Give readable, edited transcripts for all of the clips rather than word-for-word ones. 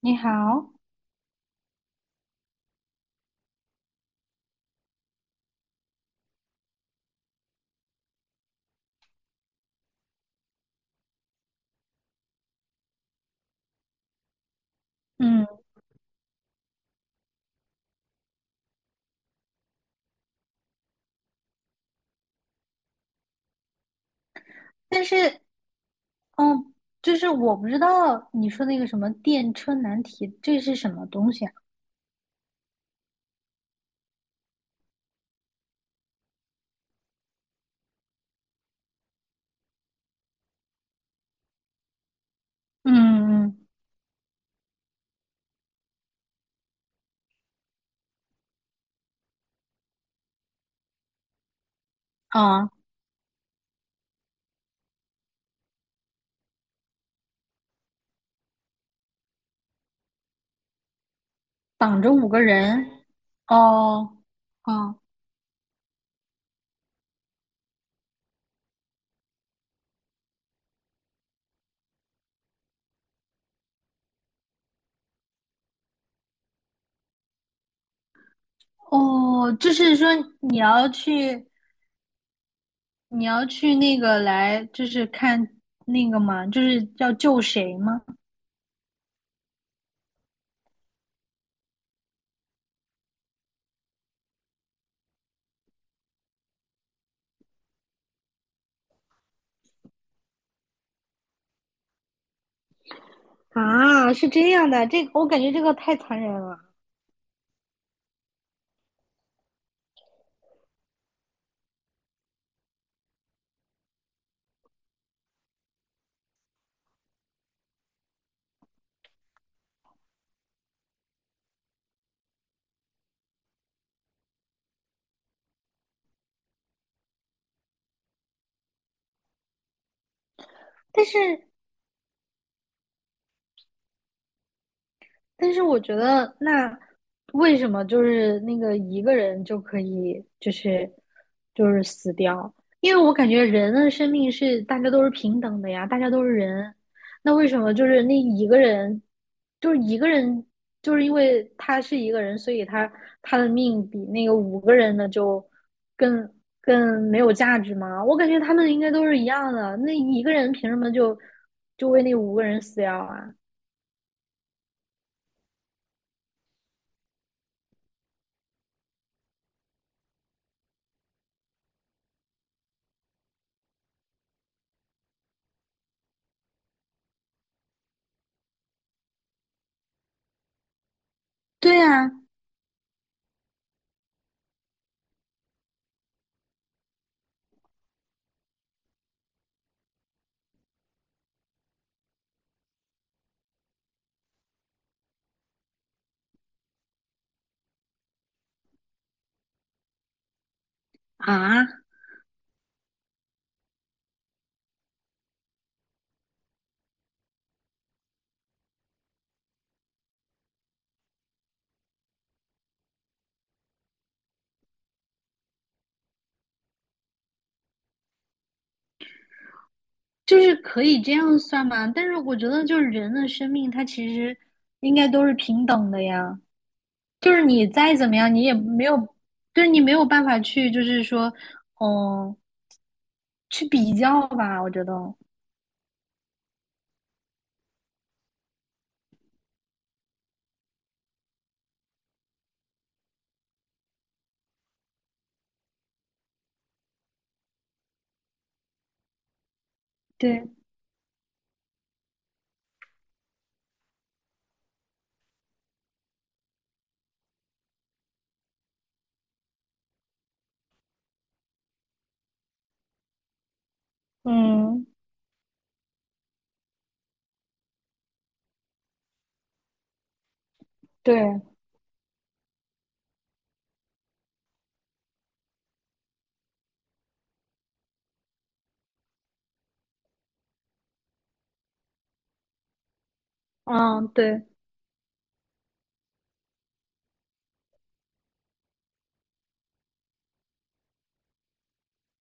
你好。嗯。但是，嗯，就是我不知道你说那个什么电车难题，这是什么东西啊？嗯嗯。啊，绑着五个人。哦。哦哦。就是说你要去，你要去那个，就是看那个嘛，就是要救谁吗？啊，是这样的，这个我感觉这个太残忍了。但是但是我觉得，那为什么就是那个一个人就可以，就是死掉？因为我感觉人的生命是大家都是平等的呀，大家都是人。那为什么就是那一个人，就是一个人，就是因为他是一个人，所以他的命比那个五个人的就更更没有价值吗？我感觉他们应该都是一样的。那一个人凭什么就为那五个人死掉啊？对呀。啊，就是可以这样算吗？但是我觉得，就是人的生命，它其实应该都是平等的呀。就是你再怎么样，你也没有，就是你没有办法去，就是说，哦，去比较吧。我觉得，对。嗯。对。嗯。对。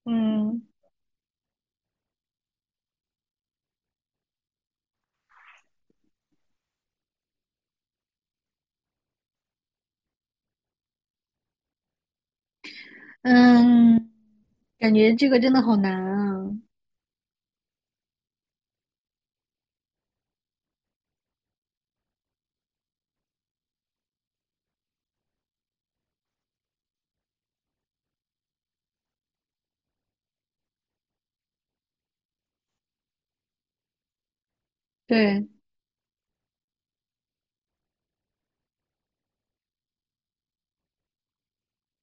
嗯。嗯。感觉这个真的好难啊。对。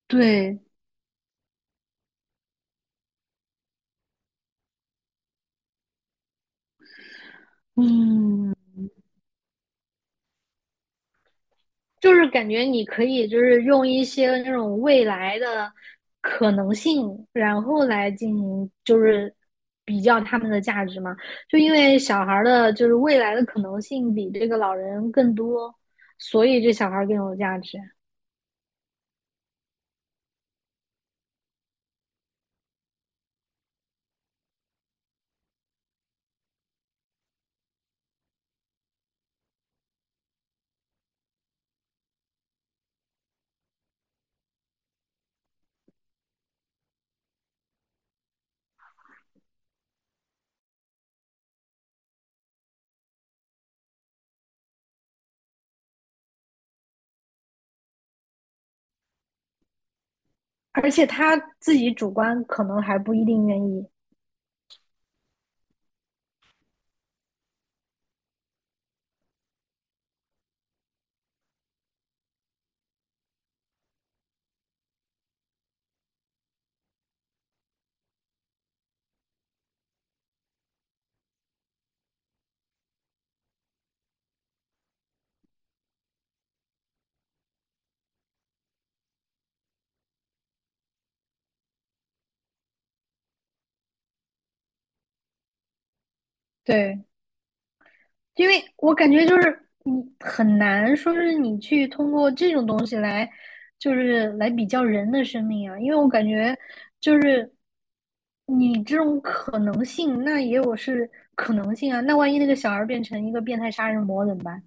对。嗯。就是感觉你可以就是用一些那种未来的可能性，然后来进行就是比较他们的价值嘛。就因为小孩的就是未来的可能性比这个老人更多，所以这小孩更有价值。而且他自己主观可能还不一定愿意。对，因为我感觉就是你很难说是你去通过这种东西来，就是来比较人的生命啊，因为我感觉就是你这种可能性，那也有是可能性啊，那万一那个小孩变成一个变态杀人魔怎么办？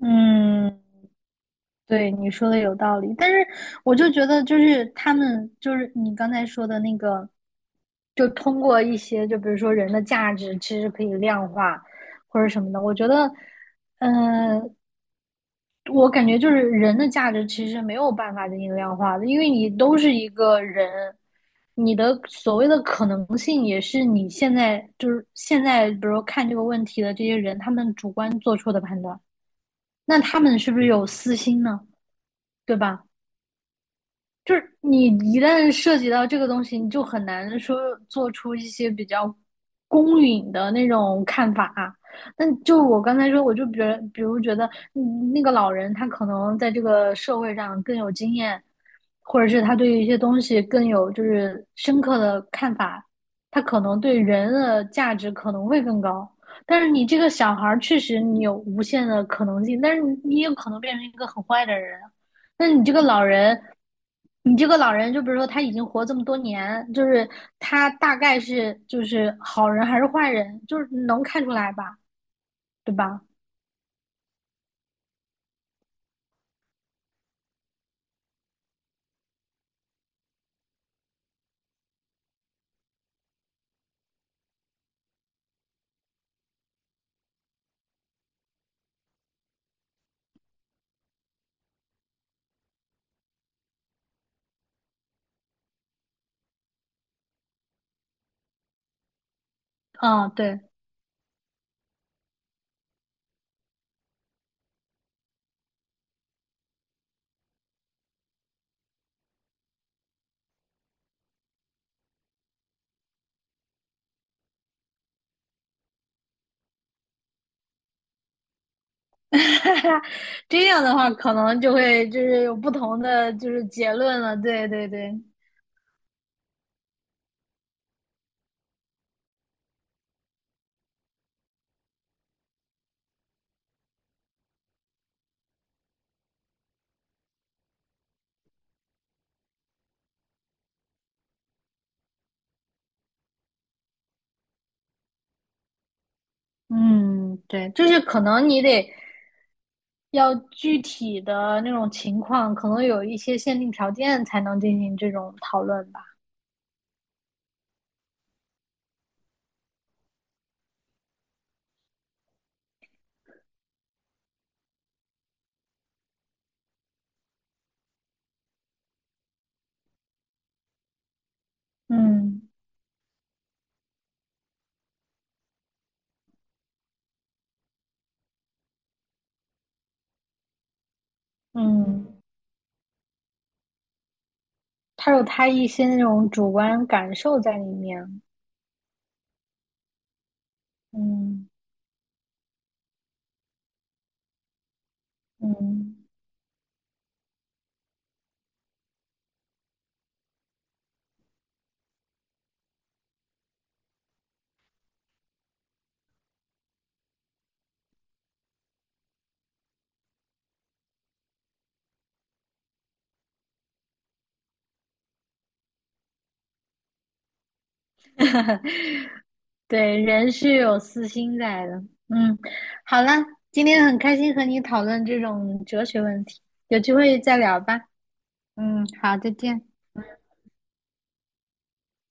嗯，对，你说的有道理，但是我就觉得，就是他们，就是你刚才说的那个，就通过一些，就比如说人的价值，其实可以量化或者什么的。我觉得，嗯，我感觉就是人的价值其实没有办法进行量化的，因为你都是一个人，你的所谓的可能性也是你现在就是现在，比如说看这个问题的这些人，他们主观做出的判断，那他们是不是有私心呢？对吧？就是你一旦涉及到这个东西，你就很难说做出一些比较公允的那种看法啊。那就我刚才说，我就觉如比如觉得，嗯那个老人他可能在这个社会上更有经验，或者是他对于一些东西更有就是深刻的看法，他可能对人的价值可能会更高。但是你这个小孩儿确实你有无限的可能性，但是你也有可能变成一个很坏的人。那你这个老人，你这个老人，就比如说他已经活这么多年，就是他大概是就是好人还是坏人，就是能看出来吧，对吧？嗯，对。这样的话，可能就会就是有不同的就是结论了。对对对，嗯，对，就是可能你得要具体的那种情况，可能有一些限定条件才能进行这种讨论吧。嗯嗯，他有他一些那种主观感受在里面。嗯嗯。对，人是有私心在的。嗯。好了，今天很开心和你讨论这种哲学问题，有机会再聊吧。嗯，好，再见。